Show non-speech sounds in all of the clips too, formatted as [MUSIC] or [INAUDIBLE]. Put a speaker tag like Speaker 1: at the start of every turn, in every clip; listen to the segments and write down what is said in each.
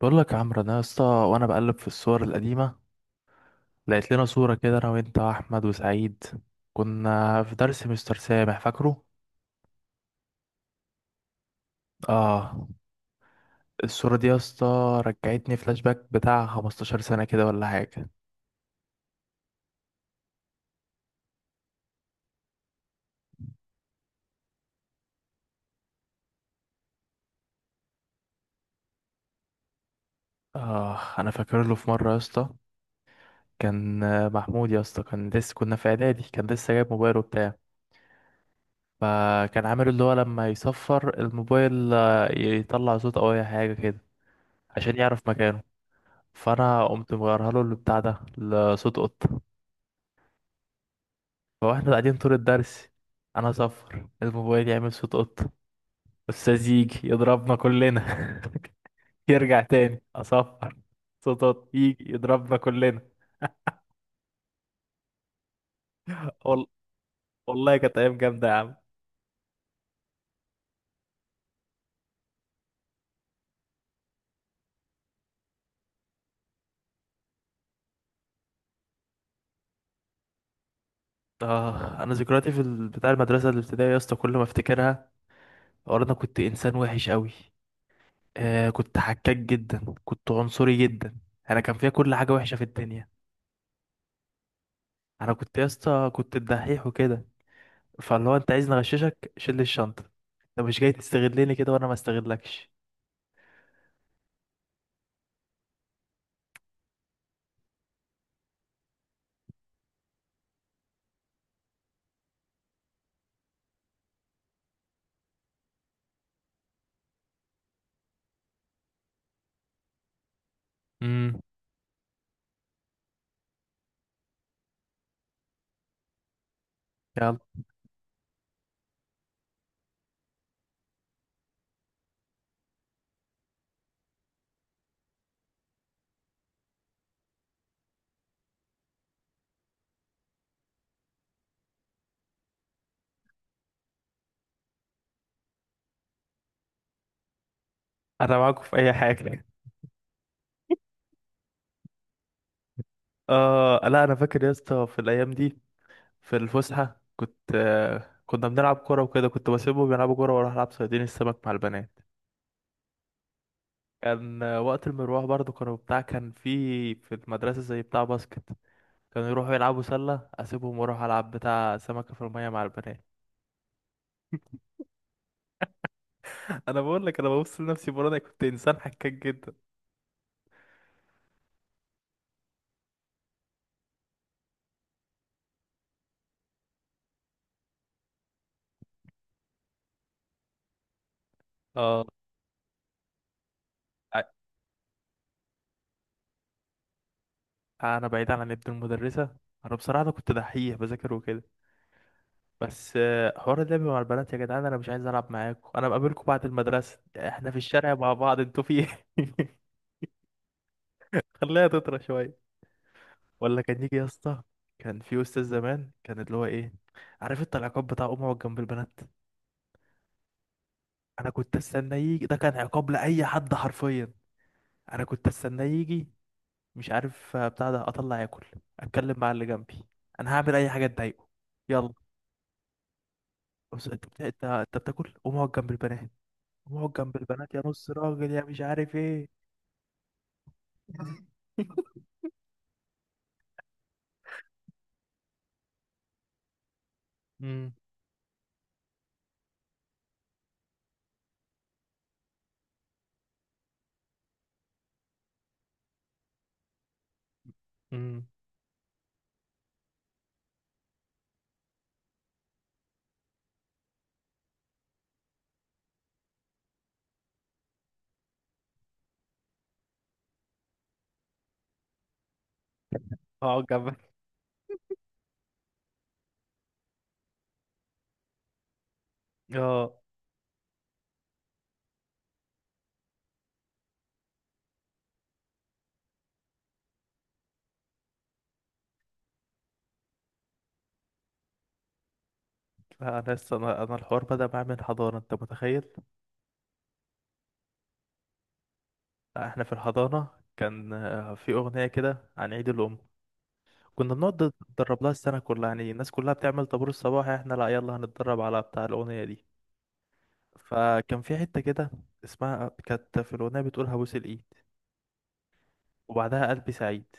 Speaker 1: بقول لك يا عمرو، انا يا اسطى، وانا بقلب في الصور القديمه لقيت لنا صوره كده انا وانت واحمد وسعيد. كنا في درس مستر سامح، فاكره؟ اه. الصوره دي يا اسطى رجعتني فلاش باك بتاع 15 سنه كده ولا حاجه. اه، انا فاكر له في مره يا اسطى. كان محمود يا اسطى كان لسه، كنا في اعدادي، كان لسه جايب موبايل وبتاع. فكان عامل اللي هو لما يصفر الموبايل يطلع صوت او اي حاجه كده عشان يعرف مكانه. فانا قمت مغيرها له البتاع ده لصوت قط. فواحنا قاعدين طول الدرس، انا اصفر الموبايل يعمل صوت قطة، استاذ يجي يضربنا كلنا. [LAUGHS] يرجع تاني اصفر، صوت قطة، يجي يضربنا كلنا. وال... والله كانت ايام جامدة يا عم. اه، انا ذكرياتي في بتاع المدرسة الابتدائية يا اسطى، كل ما افتكرها أقول انا كنت انسان وحش قوي. كنت حكاك جدا، كنت عنصري جدا. انا كان فيا كل حاجة وحشة في الدنيا. انا كنت يا اسطى، كنت الدحيح وكده. فاللي هو انت عايز نغششك شيل لي الشنطة، انت مش جاي تستغلني كده وانا ما استغلكش. امم. يلا. انا معاكم في اي حاجة. اه، لا، انا فاكر يا اسطى في الايام دي، في الفسحة كنت كنا بنلعب كورة وكده، كنت بسيبهم يلعبوا كورة واروح العب صيادين السمك مع البنات. كان وقت المروح برضو، كانوا بتاع، كان في المدرسة زي بتاع باسكت، كانوا يروحوا يلعبوا سلة، اسيبهم واروح العب بتاع سمكة في المية مع البنات. [LAUGHS] انا بقول لك، انا ببص لنفسي بره، انا كنت انسان حكاك جدا. اه، انا بعيد عن ابن المدرسه. انا بصراحه انا كنت دحيح بذاكر وكده. بس حوار اللعب مع البنات، يا جدعان انا مش عايز العب معاكم، انا بقابلكم بعد المدرسه احنا في الشارع مع بعض، انتوا في ايه؟ [LAUGHS] خليها تطرى شويه. ولا كان يجي يا اسطى، كان في استاذ زمان كان اللي هو ايه، عارف انت، العقاب بتاع امه جنب البنات. انا كنت استنى يجي ده، كان عقاب لاي حد حرفيا. انا كنت استنى يجي، مش عارف بتاع ده، اطلع اكل، اتكلم مع اللي جنبي. انا هعمل اي حاجه تضايقه. يلا. بص انت بت- انت انت بتاكل، قوم اقعد جنب البنات. قوم اقعد جنب البنات يا نص راجل، يا مش عارف ايه. امم. امم. اقعد جنب. اه، لا، انا لسه، انا انا الحوار بدأ معايا من الحضانة، انت متخيل؟ لا، احنا في الحضانة كان في اغنية كده عن عيد الام. كنا بنقعد نتدرب لها السنة كلها، يعني الناس كلها بتعمل طابور الصباح احنا لا، يلا هنتدرب على بتاع الاغنية دي. فكان في حتة كده اسمها، كانت في الاغنية بتقول هبوس الايد، وبعدها قلبي سعيد.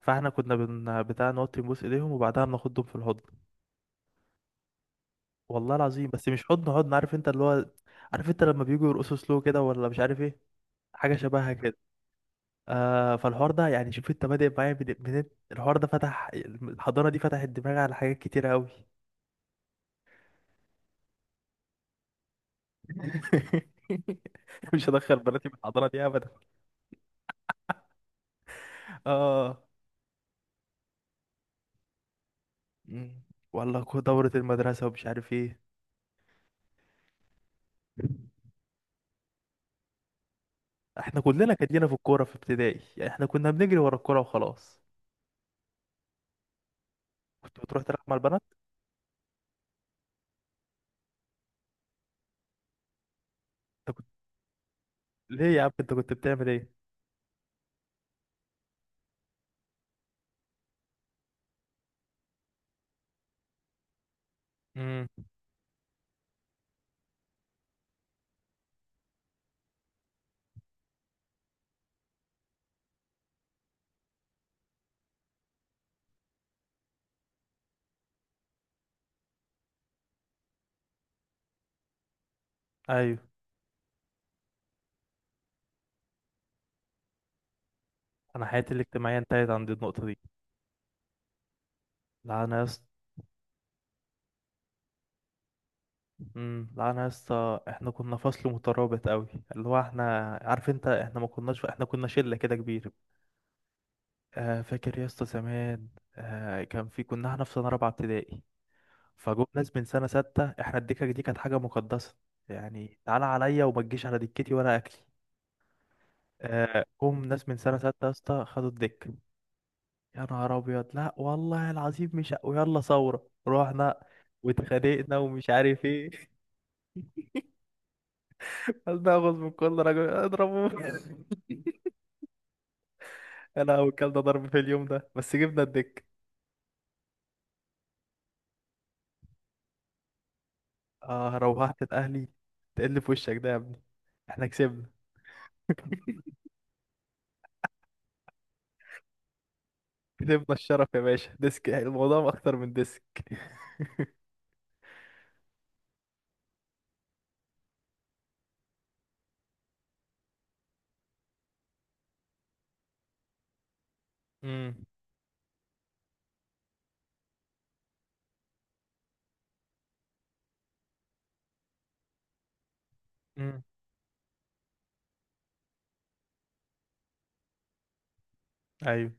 Speaker 1: فاحنا كنا بتاع نقعد تنبوس ايديهم وبعدها بناخدهم في الحضن. والله العظيم بس مش حضن حضن، عارف انت اللي هو، عارف انت لما بيجوا يرقصوا سلو كده ولا مش عارف ايه، حاجه شبهها كده. فالحوار ده يعني، شوف انت بادئ معايا الحوار ده فتح الحضانه دي، فتحت دماغي على حاجات كتير قوي. [LAUGHS] مش هدخل بناتي في الحضانه دي ابدا. اه. مم. والله دوره المدرسه ومش عارف ايه. احنا كلنا كان لينا في الكوره في ابتدائي، يعني احنا كنا بنجري ورا الكوره وخلاص. كنت بتروح تلعب مع البنات. ليه يا عم، انت كنت بتعمل ايه؟ امم. ايوه. انا حياتي الاجتماعيه انتهت عند النقطه دي. لعنه يا اسطى. امم. لعنه يا اسطى، احنا كنا فصل مترابط قوي. اللي هو احنا، عارف انت، احنا ما كناش، احنا كنا شله كده كبيره. فاكر يا اسطى زمان، كان في، كنا احنا في سنه رابعه ابتدائي. فجم ناس من سنه سته، احنا الدكه دي كانت حاجه مقدسه، يعني تعالى عليا وما تجيش على دكتي ولا اكلي. جم ناس من سنه سته يا اسطى، خدوا الدكه. يا نهار ابيض، لا والله العظيم، مش ويلا ثورة، رحنا واتخانقنا ومش عارف ايه. [LAUGHS] ناخد من كل راجل اضربه. [LAUGHS] انا وكلنا ضرب في اليوم ده، بس جبنا الدك. اه، روحت الاهلي تقل في وشك ده يا ابني. احنا كسبنا. [LAUGHS] كسبنا الشرف يا باشا، ديسك يعني، الموضوع اكتر من ديسك. امم. امم. ايوه.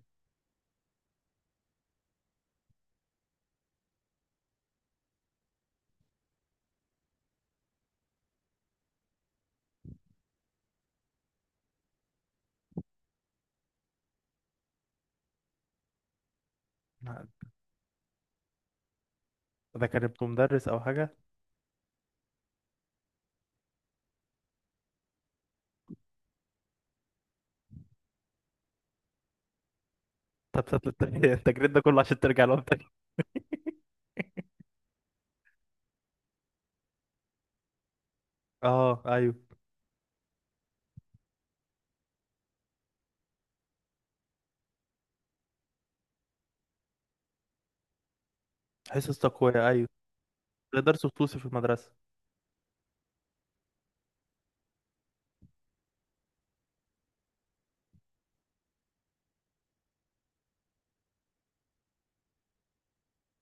Speaker 1: ده كان ابن مدرس او حاجه؟ طب، [LAUGHS] التجريد ده كله عشان ترجع لهم تاني؟ اه. ايوه. حصص تقويه، ايوه. ده درس خصوصي في المدرسه.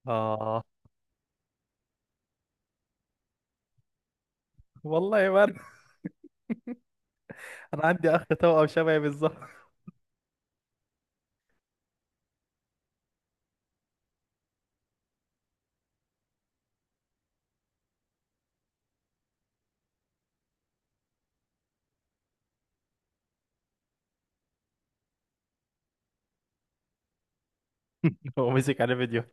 Speaker 1: آه والله ما أنا، أنا عندي أخ توأم شبهي بالظبط. [LAUGHS] هو مسك عليه فيديو.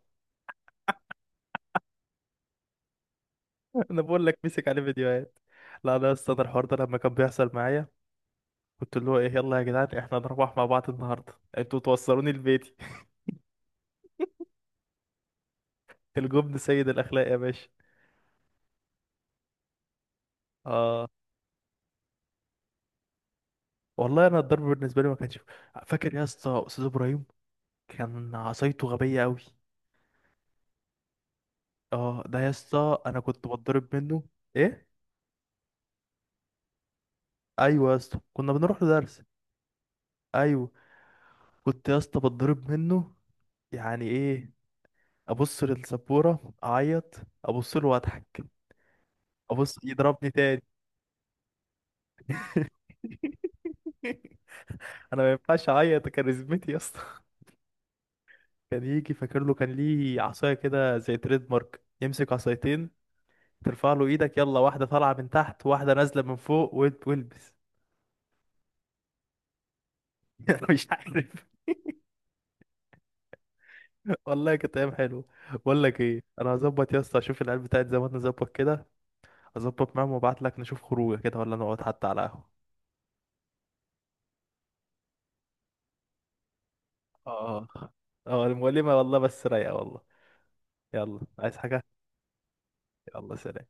Speaker 1: [LAUGHS] أنا بقول لك مسك عليه فيديوهات. لا، أنا أصلا الحوار ده لما كان بيحصل معايا، كنت اللي هو إيه، يلا يا جدعان إحنا هنروح مع بعض النهاردة، أنتوا توصلوني لبيتي. [LAUGHS] الجبن سيد الأخلاق يا باشا. آه والله أنا الضرب بالنسبة لي ما كانش. فاكر يا اسطى أستاذ إبراهيم، كان عصايته غبية أوي. ده يا اسطى أنا كنت بتضرب منه. إيه. أيوه يا اسطى كنا بنروح له درس. أيوه. كنت يا اسطى بتضرب منه، يعني ايه، ابص للسبورة اعيط، ابص له واضحك، ابص يضربني تاني. [LAUGHS] انا ما ينفعش اعيط كاريزمتي يا اسطى. [LAUGHS] كان يجي، فاكر له، كان ليه عصايه كده زي تريد مارك يمسك عصايتين، ترفع له ايدك، يلا واحده طالعه من تحت واحده نازله من فوق والبس. [LAUGHS] انا مش عارف، والله كانت ايام حلوه. بقول لك ايه، انا هظبط يا اسطى، اشوف العيال بتاعت زمان نظبط كده، اظبط معاهم وابعت لك نشوف خروجه كده ولا نقعد حتى على قهوه. اه. اه المؤلمة والله، بس رايقة والله. يلا، عايز حاجة؟ يلا سلام.